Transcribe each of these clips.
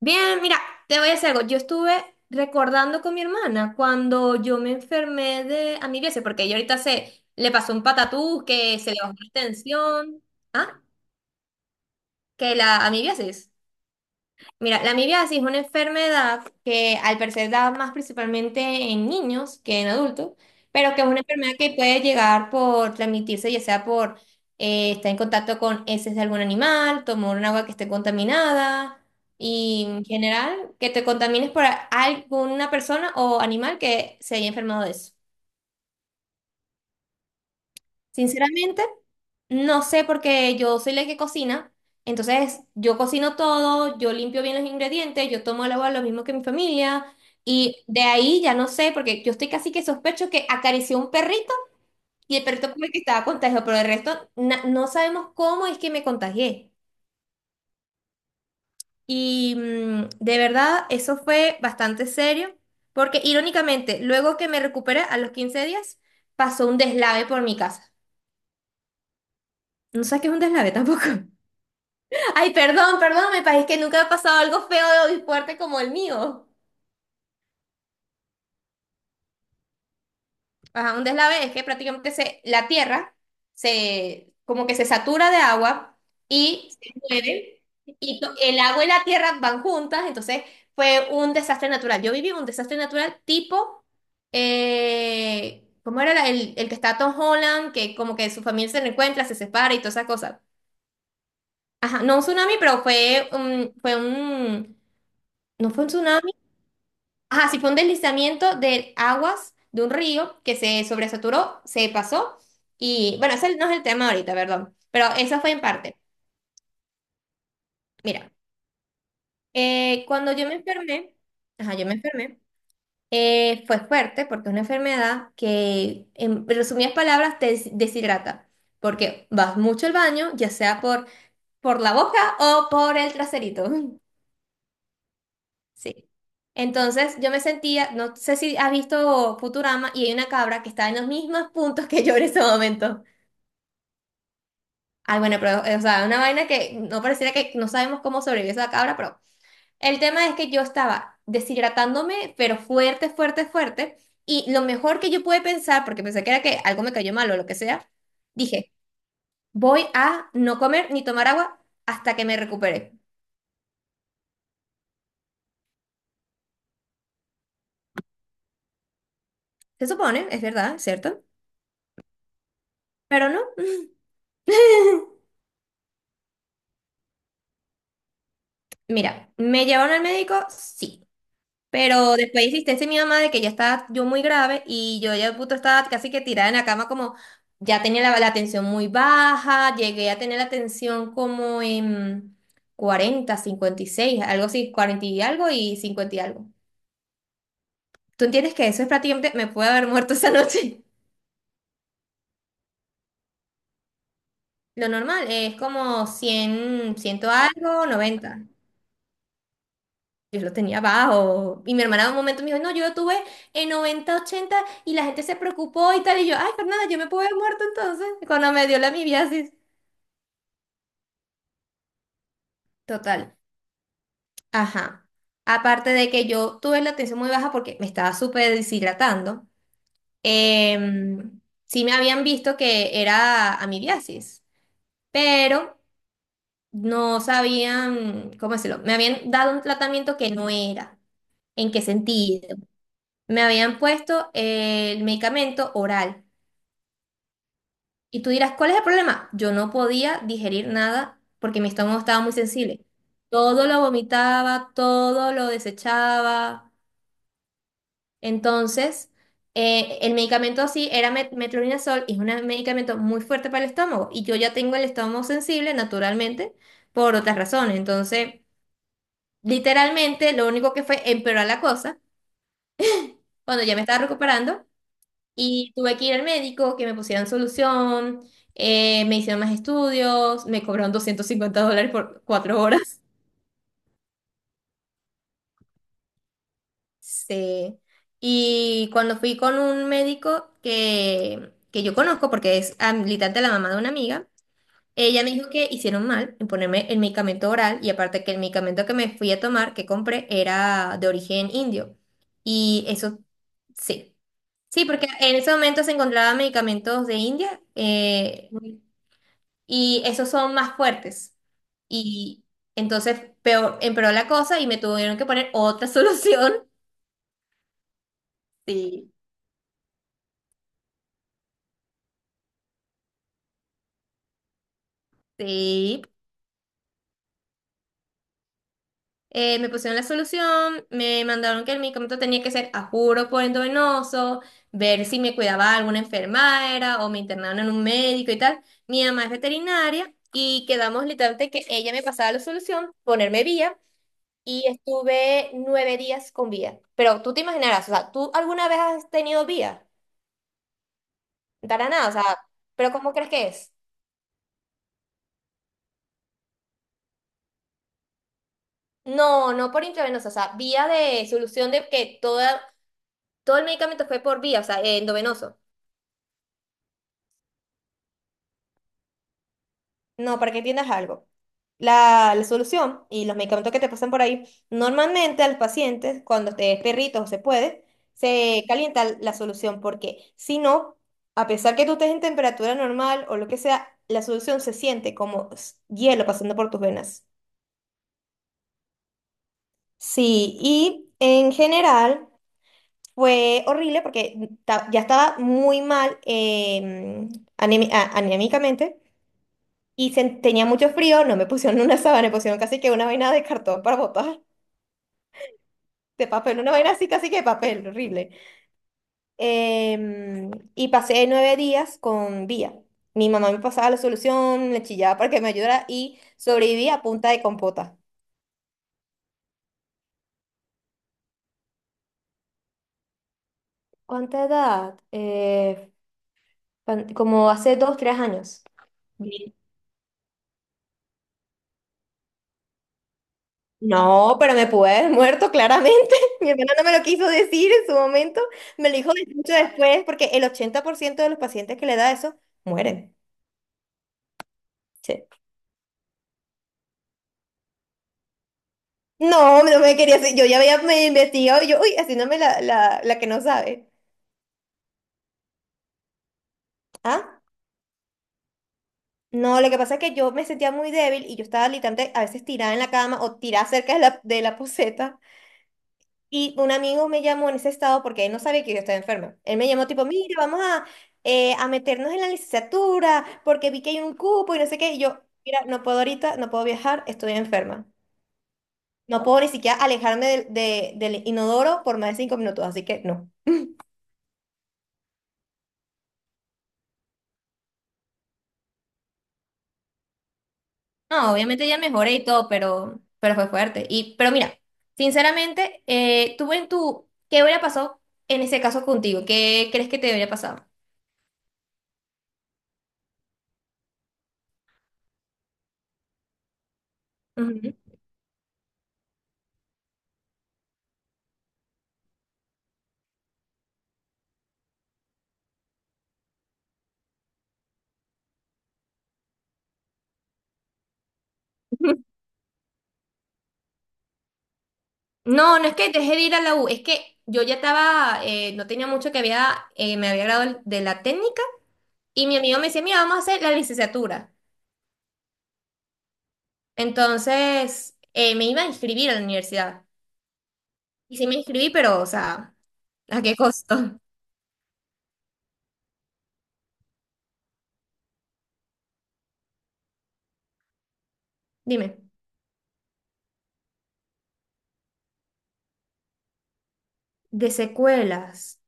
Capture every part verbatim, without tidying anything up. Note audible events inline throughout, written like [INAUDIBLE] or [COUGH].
Bien, mira, te voy a decir algo. Yo estuve recordando con mi hermana cuando yo me enfermé de amibiasis, porque ella ahorita se le pasó un patatús, que se le bajó la tensión. Ah, que la amibiasis. Mira, la amibiasis es una enfermedad que al parecer da más principalmente en niños que en adultos, pero que es una enfermedad que puede llegar por transmitirse, ya sea por eh, estar en contacto con heces de algún animal, tomar un agua que esté contaminada y en general que te contamines por a- alguna persona o animal que se haya enfermado de eso. Sinceramente, No sé porque yo soy la que cocina, entonces yo cocino todo, yo limpio bien los ingredientes, yo tomo el agua lo mismo que mi familia y de ahí ya no sé porque yo estoy casi que sospecho que acarició un perrito y el perrito fue el que estaba contagiado, pero el resto na- no sabemos cómo es que me contagié. Y mm, de verdad eso fue bastante serio porque irónicamente luego que me recuperé a los quince días pasó un deslave por mi casa. No sabes qué es un deslave [LAUGHS] tampoco. Ay, perdón, perdón, me parece que nunca ha pasado algo feo y fuerte como el mío. Ajá, un deslave es que prácticamente se, la tierra se, como que se satura de agua y se mueve, y to- el agua y la tierra van juntas, entonces fue un desastre natural. Yo viví un desastre natural tipo, eh, ¿cómo era la- el, el que está Tom Holland, que como que su familia se reencuentra, se separa y todas esas cosas? Ajá, no un tsunami, pero fue un, fue un, no fue un tsunami. Ajá, sí fue un deslizamiento de aguas de un río que se sobresaturó, se pasó y bueno, ese no es el tema ahorita, perdón, pero eso fue en parte. Mira, eh, cuando yo me enfermé, ajá, yo me enfermé, eh, fue fuerte porque es una enfermedad que, en resumidas palabras, te des- deshidrata, porque vas mucho al baño, ya sea por, por la boca o por el traserito. [LAUGHS] Sí. Entonces yo me sentía, no sé si has visto Futurama y hay una cabra que está en los mismos puntos que yo en ese momento. Ay, bueno, pero, eh, o sea, una vaina que no pareciera que no sabemos cómo sobrevivió esa cabra, pero el tema es que yo estaba deshidratándome, pero fuerte, fuerte, fuerte. Y lo mejor que yo pude pensar, porque pensé que era que algo me cayó mal o lo que sea, dije, voy a no comer ni tomar agua hasta que me recupere. Se supone, es verdad, ¿cierto? Pero no. [LAUGHS] Mira, ¿me llevaron al médico? Sí. Pero después insistí mi mamá de que ya estaba yo muy grave y yo ya puto estaba casi que tirada en la cama como ya tenía la, la tensión muy baja, llegué a tener la tensión como en cuarenta, cincuenta y seis, algo así, cuarenta y algo y cincuenta y algo. ¿Tú entiendes que eso es prácticamente, me puede haber [LAUGHS] muerto esa noche? [LAUGHS] Lo normal es como cien, 100 algo, noventa. Yo lo tenía bajo. Y mi hermana en un momento me dijo, no, yo lo tuve en noventa ochenta y la gente se preocupó y tal. Y yo, ay, Fernanda, yo me pude haber muerto entonces cuando me dio la amibiasis. Total. Ajá. Aparte de que yo tuve la tensión muy baja porque me estaba súper deshidratando, em, sí me habían visto que era amibiasis, pero no sabían, ¿cómo decirlo? Me habían dado un tratamiento que no era. ¿En qué sentido? Me habían puesto eh, el medicamento oral. Y tú dirás, ¿cuál es el problema? Yo no podía digerir nada porque mi estómago estaba muy sensible. Todo lo vomitaba, todo lo desechaba. Entonces, eh, el medicamento así era met- metronidazol y es un medicamento muy fuerte para el estómago. Y yo ya tengo el estómago sensible naturalmente por otras razones. Entonces, literalmente, lo único que fue empeorar la cosa cuando ya me estaba recuperando. Y tuve que ir al médico, que me pusieran solución, eh, me hicieron más estudios, me cobraron doscientos cincuenta dólares por cuatro horas. [LAUGHS] Sí. Y cuando fui con un médico que, que yo conozco, porque es habilitante de la mamá de una amiga, ella me dijo que hicieron mal en ponerme el medicamento oral y aparte que el medicamento que me fui a tomar, que compré, era de origen indio. Y eso, sí. Sí, porque en ese momento se encontraban medicamentos de India. eh, Y esos son más fuertes. Y entonces peor, empeoró la cosa y me tuvieron que poner otra [LAUGHS] solución. Sí, sí. Eh, me pusieron la solución, me mandaron que el medicamento tenía que ser a juro por endovenoso, ver si me cuidaba alguna enfermera o me internaron en un médico y tal. Mi mamá es veterinaria y quedamos literalmente que ella me pasaba la solución, ponerme vía y estuve nueve días con vía. Pero tú te imaginarás, o sea, ¿tú alguna vez has tenido vía? Para nada, o sea, pero ¿cómo crees que es? No, no por intravenosa, o sea, vía de solución de que toda, todo el medicamento fue por vía, o sea, eh, endovenoso. No, para que entiendas algo. La, la solución y los medicamentos que te pasan por ahí, normalmente al paciente, cuando te es perrito o se puede, se calienta la solución, porque si no, a pesar que tú estés en temperatura normal o lo que sea, la solución se siente como s- hielo pasando por tus venas. Sí, y en general. Fue horrible porque ta- ya estaba muy mal eh, anemi- a- anímicamente y sen- tenía mucho frío, no me pusieron una sábana, me pusieron casi que una vaina de cartón para botar, de papel, una vaina así casi que de papel, horrible. Em, y pasé nueve días con vía. Mi mamá me pasaba la solución, le chillaba para que me ayudara y sobreviví a punta de compota. ¿Cuánta edad? Eh, pan- como hace dos, tres años. No, pero me pude haber muerto claramente. [LAUGHS] Mi hermana no me lo quiso decir en su momento. Me lo dijo de- mucho después porque el ochenta por ciento de los pacientes que le da eso mueren. Sí. No, no me quería hacer. Yo ya había me investigado y yo, uy, haciéndome la, la, la que no sabe. ¿Ah? No, lo que pasa es que yo me sentía muy débil y yo estaba literalmente a veces tirada en la cama o tirada cerca de la, de la, [LAUGHS] poceta. Y un amigo me llamó en ese estado porque él no sabía que yo estaba enferma. Él me llamó tipo, mira, vamos a, eh, a meternos en la licenciatura porque vi que hay un cupo y no sé qué. Y yo, mira, no puedo ahorita, no puedo viajar, estoy enferma. No puedo ni siquiera alejarme del, de- del inodoro por más de cinco minutos, así que no. No, obviamente ya mejoré y todo, pero, pero fue fuerte. Y, pero mira, sinceramente, eh, tú en tu, ¿qué hubiera pasado en ese caso contigo? ¿Qué crees que te hubiera pasado? Ujú. [LAUGHS] No, no es que dejé de ir a la U, es que yo ya estaba, eh, no tenía mucho que había, eh, me había graduado de la técnica y mi amigo me decía, mira, vamos a hacer la licenciatura. Entonces, eh, me iba a inscribir a la universidad. Y sí me inscribí, pero, o sea, ¿a qué costo? [LAUGHS] Dime. De secuelas.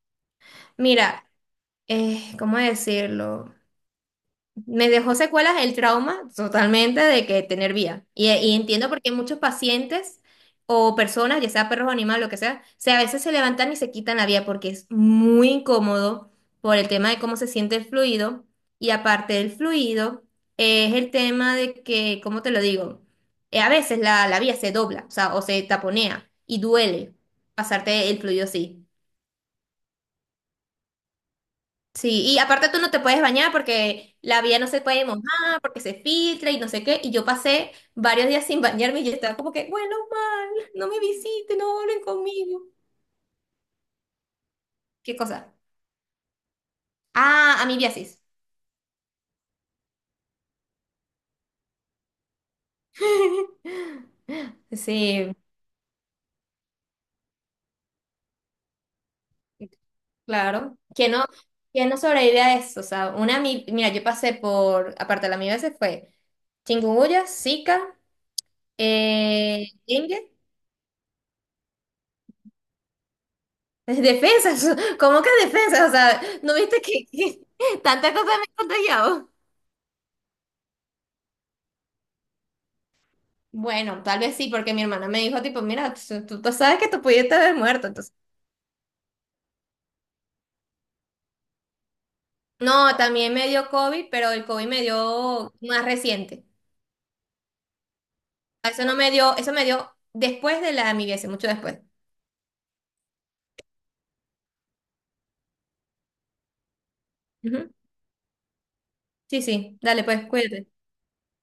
Mira, eh, ¿cómo decirlo? Me dejó secuelas el trauma totalmente de que tener vía. Y, y entiendo porque muchos pacientes o personas, ya sea perros o animales, lo que sea, se, a veces se levantan y se quitan la vía porque es muy incómodo por el tema de cómo se siente el fluido. Y aparte del fluido, es el tema de que, ¿cómo te lo digo? Eh, a veces la, la vía se dobla, o sea, o se taponea y duele pasarte el fluido así. Sí, y aparte tú no te puedes bañar porque la vía no se puede mojar, porque se filtra y no sé qué. Y yo pasé varios días sin bañarme y yo estaba como que, bueno, mal, no me visiten, no hablen conmigo. ¿Qué cosa? Ah, amibiasis. [LAUGHS] Sí, claro. ¿Quién no, quién no sobrevive a eso? O sea, una ami- mira, yo pasé por, aparte de la amibiasis fue chikungunya, Zika, eh, dengue. [LAUGHS] Defensas, ¿cómo que defensas? O sea, ¿no viste que, [LAUGHS] que tantas cosas me he contagiado? Bueno, tal vez sí, porque mi hermana me dijo, tipo, mira, tú, tú- tú sabes que tú pudiste haber muerto, entonces. No, también me dio COVID, pero el COVID me dio más reciente. Eso no me dio, eso me dio después de la amigáis, mucho después. Ujú. Sí, sí, dale, pues, cuídate.